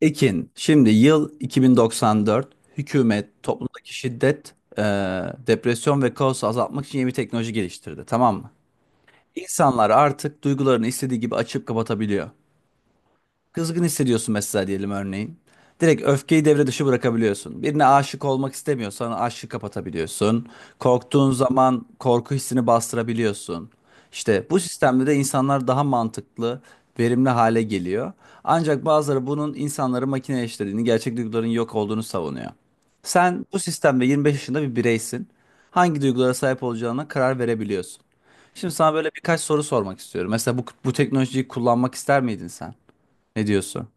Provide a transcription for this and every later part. Ekin, şimdi yıl 2094, hükümet toplumdaki şiddet, depresyon ve kaosu azaltmak için yeni bir teknoloji geliştirdi, tamam mı? İnsanlar artık duygularını istediği gibi açıp kapatabiliyor. Kızgın hissediyorsun mesela diyelim örneğin. Direkt öfkeyi devre dışı bırakabiliyorsun. Birine aşık olmak istemiyorsan aşkı kapatabiliyorsun. Korktuğun zaman korku hissini bastırabiliyorsun. İşte bu sistemde de insanlar daha mantıklı, verimli hale geliyor. Ancak bazıları bunun insanları makineleştirdiğini, gerçek duyguların yok olduğunu savunuyor. Sen bu sistemde 25 yaşında bir bireysin. Hangi duygulara sahip olacağına karar verebiliyorsun. Şimdi sana böyle birkaç soru sormak istiyorum. Mesela bu teknolojiyi kullanmak ister miydin sen? Ne diyorsun?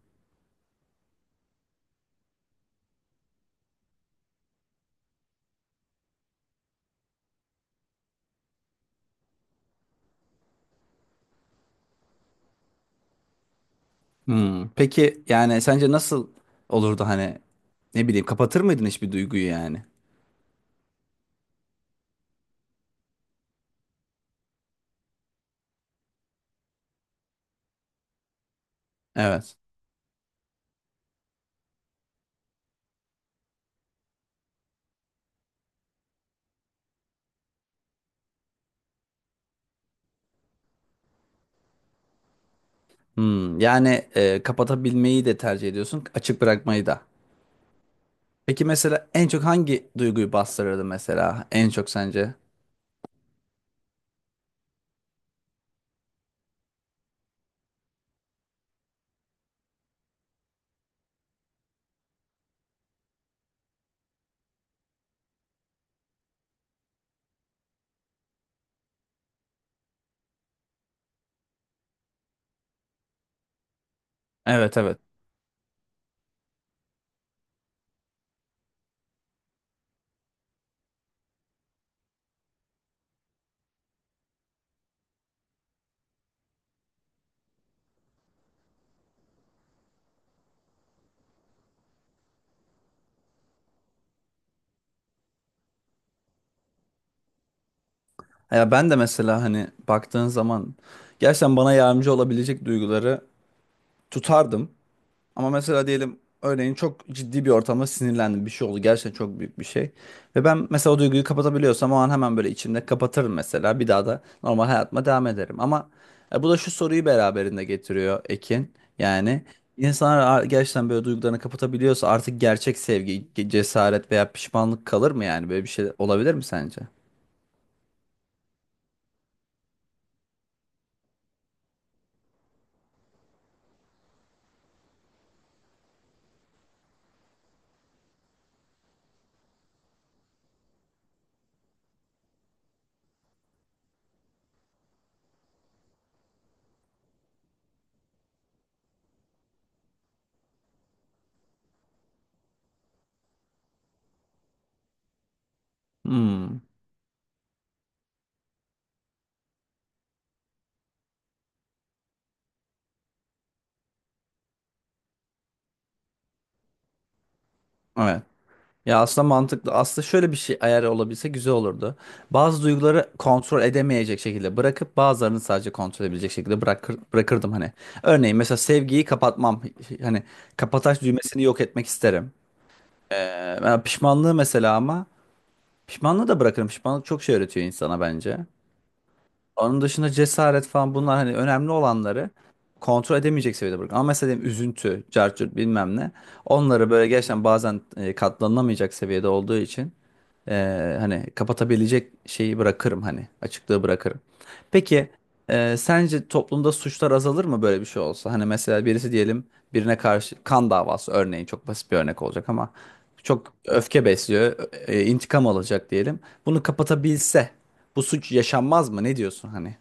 Hmm. Peki yani sence nasıl olurdu hani ne bileyim kapatır mıydın hiçbir duyguyu yani? Evet. Hmm. Yani kapatabilmeyi de tercih ediyorsun, açık bırakmayı da. Peki mesela en çok hangi duyguyu bastırırdı mesela en çok sence? Evet, evet. Ya ben de mesela hani baktığın zaman gerçekten bana yardımcı olabilecek duyguları tutardım. Ama mesela diyelim örneğin çok ciddi bir ortamda sinirlendim. Bir şey oldu. Gerçekten çok büyük bir şey. Ve ben mesela o duyguyu kapatabiliyorsam o an hemen böyle içimde kapatırım mesela. Bir daha da normal hayatıma devam ederim. Ama bu da şu soruyu beraberinde getiriyor Ekin. Yani insanlar gerçekten böyle duygularını kapatabiliyorsa artık gerçek sevgi, cesaret veya pişmanlık kalır mı yani? Böyle bir şey olabilir mi sence? Hmm. Evet. Ya aslında mantıklı. Aslında şöyle bir şey ayar olabilse güzel olurdu. Bazı duyguları kontrol edemeyecek şekilde bırakıp bazılarını sadece kontrol edebilecek şekilde bırakırdım hani. Örneğin mesela sevgiyi kapatmam. Hani kapataç düğmesini yok etmek isterim. Ben pişmanlığı mesela ama pişmanlığı da bırakırım. Pişmanlık çok şey öğretiyor insana bence. Onun dışında cesaret falan bunlar hani önemli olanları kontrol edemeyecek seviyede bırak. Ama mesela diyelim üzüntü, cartçurt bilmem ne. Onları böyle gerçekten bazen katlanılamayacak seviyede olduğu için hani kapatabilecek şeyi bırakırım hani açıklığı bırakırım. Peki sence toplumda suçlar azalır mı böyle bir şey olsa? Hani mesela birisi diyelim birine karşı kan davası örneğin çok basit bir örnek olacak ama çok öfke besliyor, intikam alacak diyelim. Bunu kapatabilse bu suç yaşanmaz mı? Ne diyorsun hani?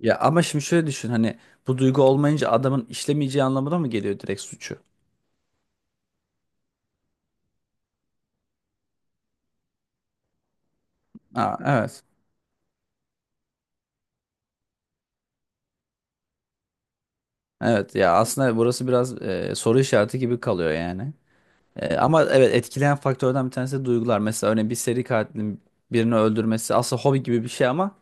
Ya ama şimdi şöyle düşün hani bu duygu olmayınca adamın işlemeyeceği anlamına mı geliyor direkt suçu? Aa, evet. Evet ya aslında burası biraz soru işareti gibi kalıyor yani. Ama evet etkileyen faktörden bir tanesi de duygular. Mesela örneğin bir seri katilin birini öldürmesi aslında hobi gibi bir şey ama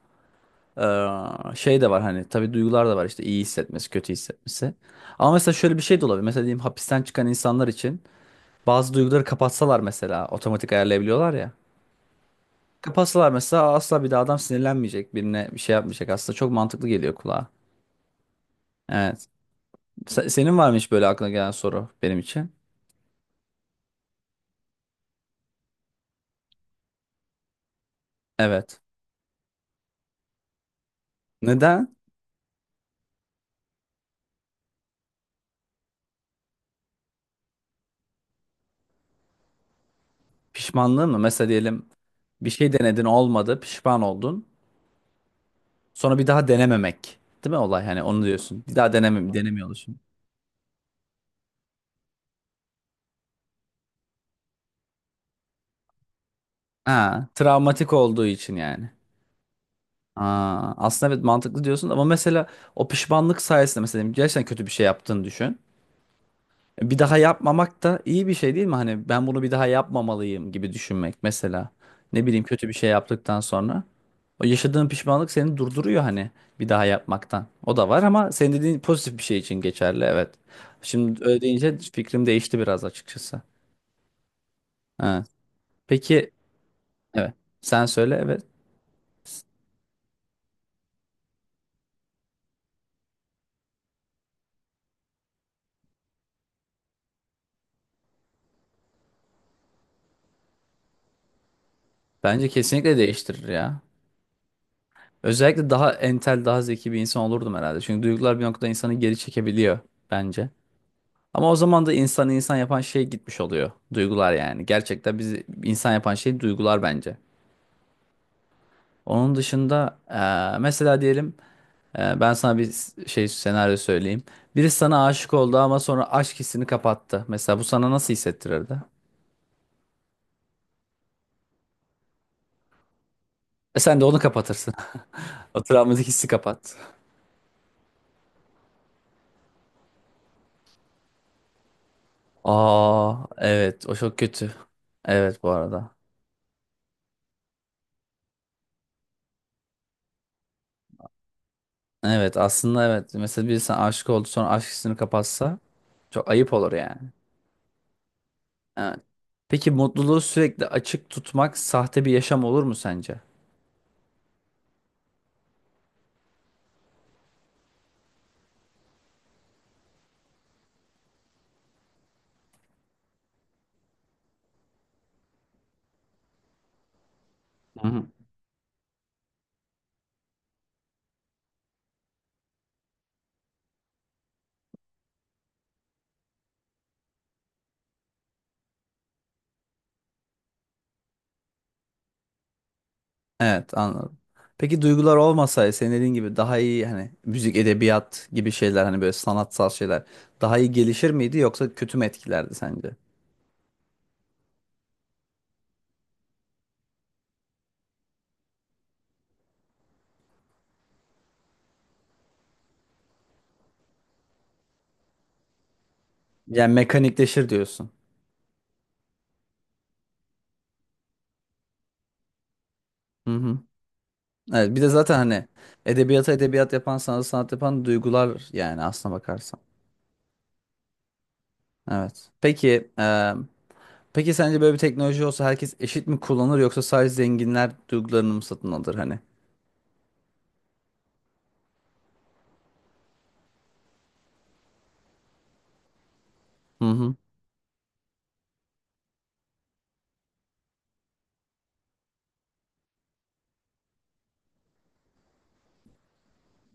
şey de var hani tabii duygular da var işte iyi hissetmesi, kötü hissetmesi. Ama mesela şöyle bir şey de olabilir. Mesela diyelim hapisten çıkan insanlar için bazı duyguları kapatsalar mesela otomatik ayarlayabiliyorlar ya. Kapatsalar mesela asla bir daha adam sinirlenmeyecek, birine bir şey yapmayacak. Aslında çok mantıklı geliyor kulağa. Evet. Senin var mı hiç böyle aklına gelen soru benim için? Evet. Neden? Pişmanlığın mı? Mesela diyelim bir şey denedin olmadı, pişman oldun. Sonra bir daha denememek. Değil mi olay? Hani onu diyorsun. Bir daha denemiyor oluşun. Ha, travmatik olduğu için yani. Aa, aslında evet mantıklı diyorsun ama mesela o pişmanlık sayesinde mesela diyelim gerçekten kötü bir şey yaptığını düşün. Bir daha yapmamak da iyi bir şey değil mi? Hani ben bunu bir daha yapmamalıyım gibi düşünmek mesela. Ne bileyim kötü bir şey yaptıktan sonra. O yaşadığın pişmanlık seni durduruyor hani bir daha yapmaktan. O da var ama senin dediğin pozitif bir şey için geçerli evet. Şimdi öyle deyince fikrim değişti biraz açıkçası. Evet. Peki evet. Sen söyle evet. Bence kesinlikle değiştirir ya. Özellikle daha entel, daha zeki bir insan olurdum herhalde. Çünkü duygular bir noktada insanı geri çekebiliyor bence. Ama o zaman da insanı insan yapan şey gitmiş oluyor. Duygular yani. Gerçekten bizi insan yapan şey duygular bence. Onun dışında mesela diyelim ben sana bir şey senaryo söyleyeyim. Biri sana aşık oldu ama sonra aşk hissini kapattı. Mesela bu sana nasıl hissettirirdi? E sen de onu kapatırsın. O travmatik hissi kapat. Aa, evet o çok kötü. Evet bu arada. Evet aslında evet. Mesela biri sana aşık oldu sonra aşk hissini kapatsa çok ayıp olur yani. Evet. Peki mutluluğu sürekli açık tutmak sahte bir yaşam olur mu sence? Evet anladım. Peki duygular olmasaydı senin dediğin gibi daha iyi hani müzik, edebiyat gibi şeyler hani böyle sanatsal şeyler daha iyi gelişir miydi yoksa kötü mü etkilerdi sence? Yani mekanikleşir diyorsun. Hı hı. Evet bir de zaten hani edebiyata edebiyat yapan sanat sanat yapan duygular yani aslına bakarsan. Evet. Peki peki sence böyle bir teknoloji olsa herkes eşit mi kullanır yoksa sadece zenginler duygularını mı satın alır hani? Hı hı.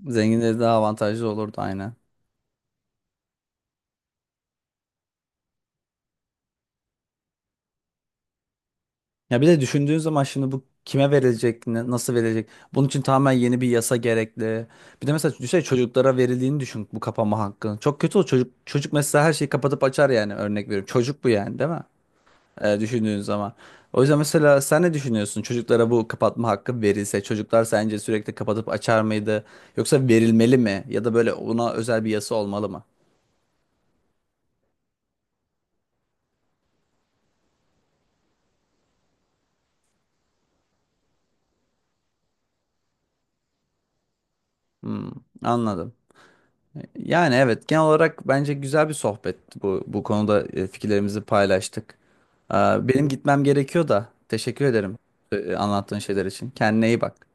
Zenginleri daha avantajlı olurdu aynen. Ya bir de düşündüğün zaman şimdi bu kime verilecek, nasıl verilecek? Bunun için tamamen yeni bir yasa gerekli. Bir de mesela düşünsene çocuklara verildiğini düşün bu kapama hakkı. Çok kötü o çocuk. Çocuk mesela her şeyi kapatıp açar yani örnek veriyorum. Çocuk bu yani değil mi? Düşündüğün zaman. O yüzden mesela sen ne düşünüyorsun? Çocuklara bu kapatma hakkı verilse çocuklar sence sürekli kapatıp açar mıydı? Yoksa verilmeli mi? Ya da böyle ona özel bir yasa olmalı mı? Hmm, anladım. Yani evet genel olarak bence güzel bir sohbetti bu konuda fikirlerimizi paylaştık. Aa, benim gitmem gerekiyor da teşekkür ederim anlattığın şeyler için. Kendine iyi bak.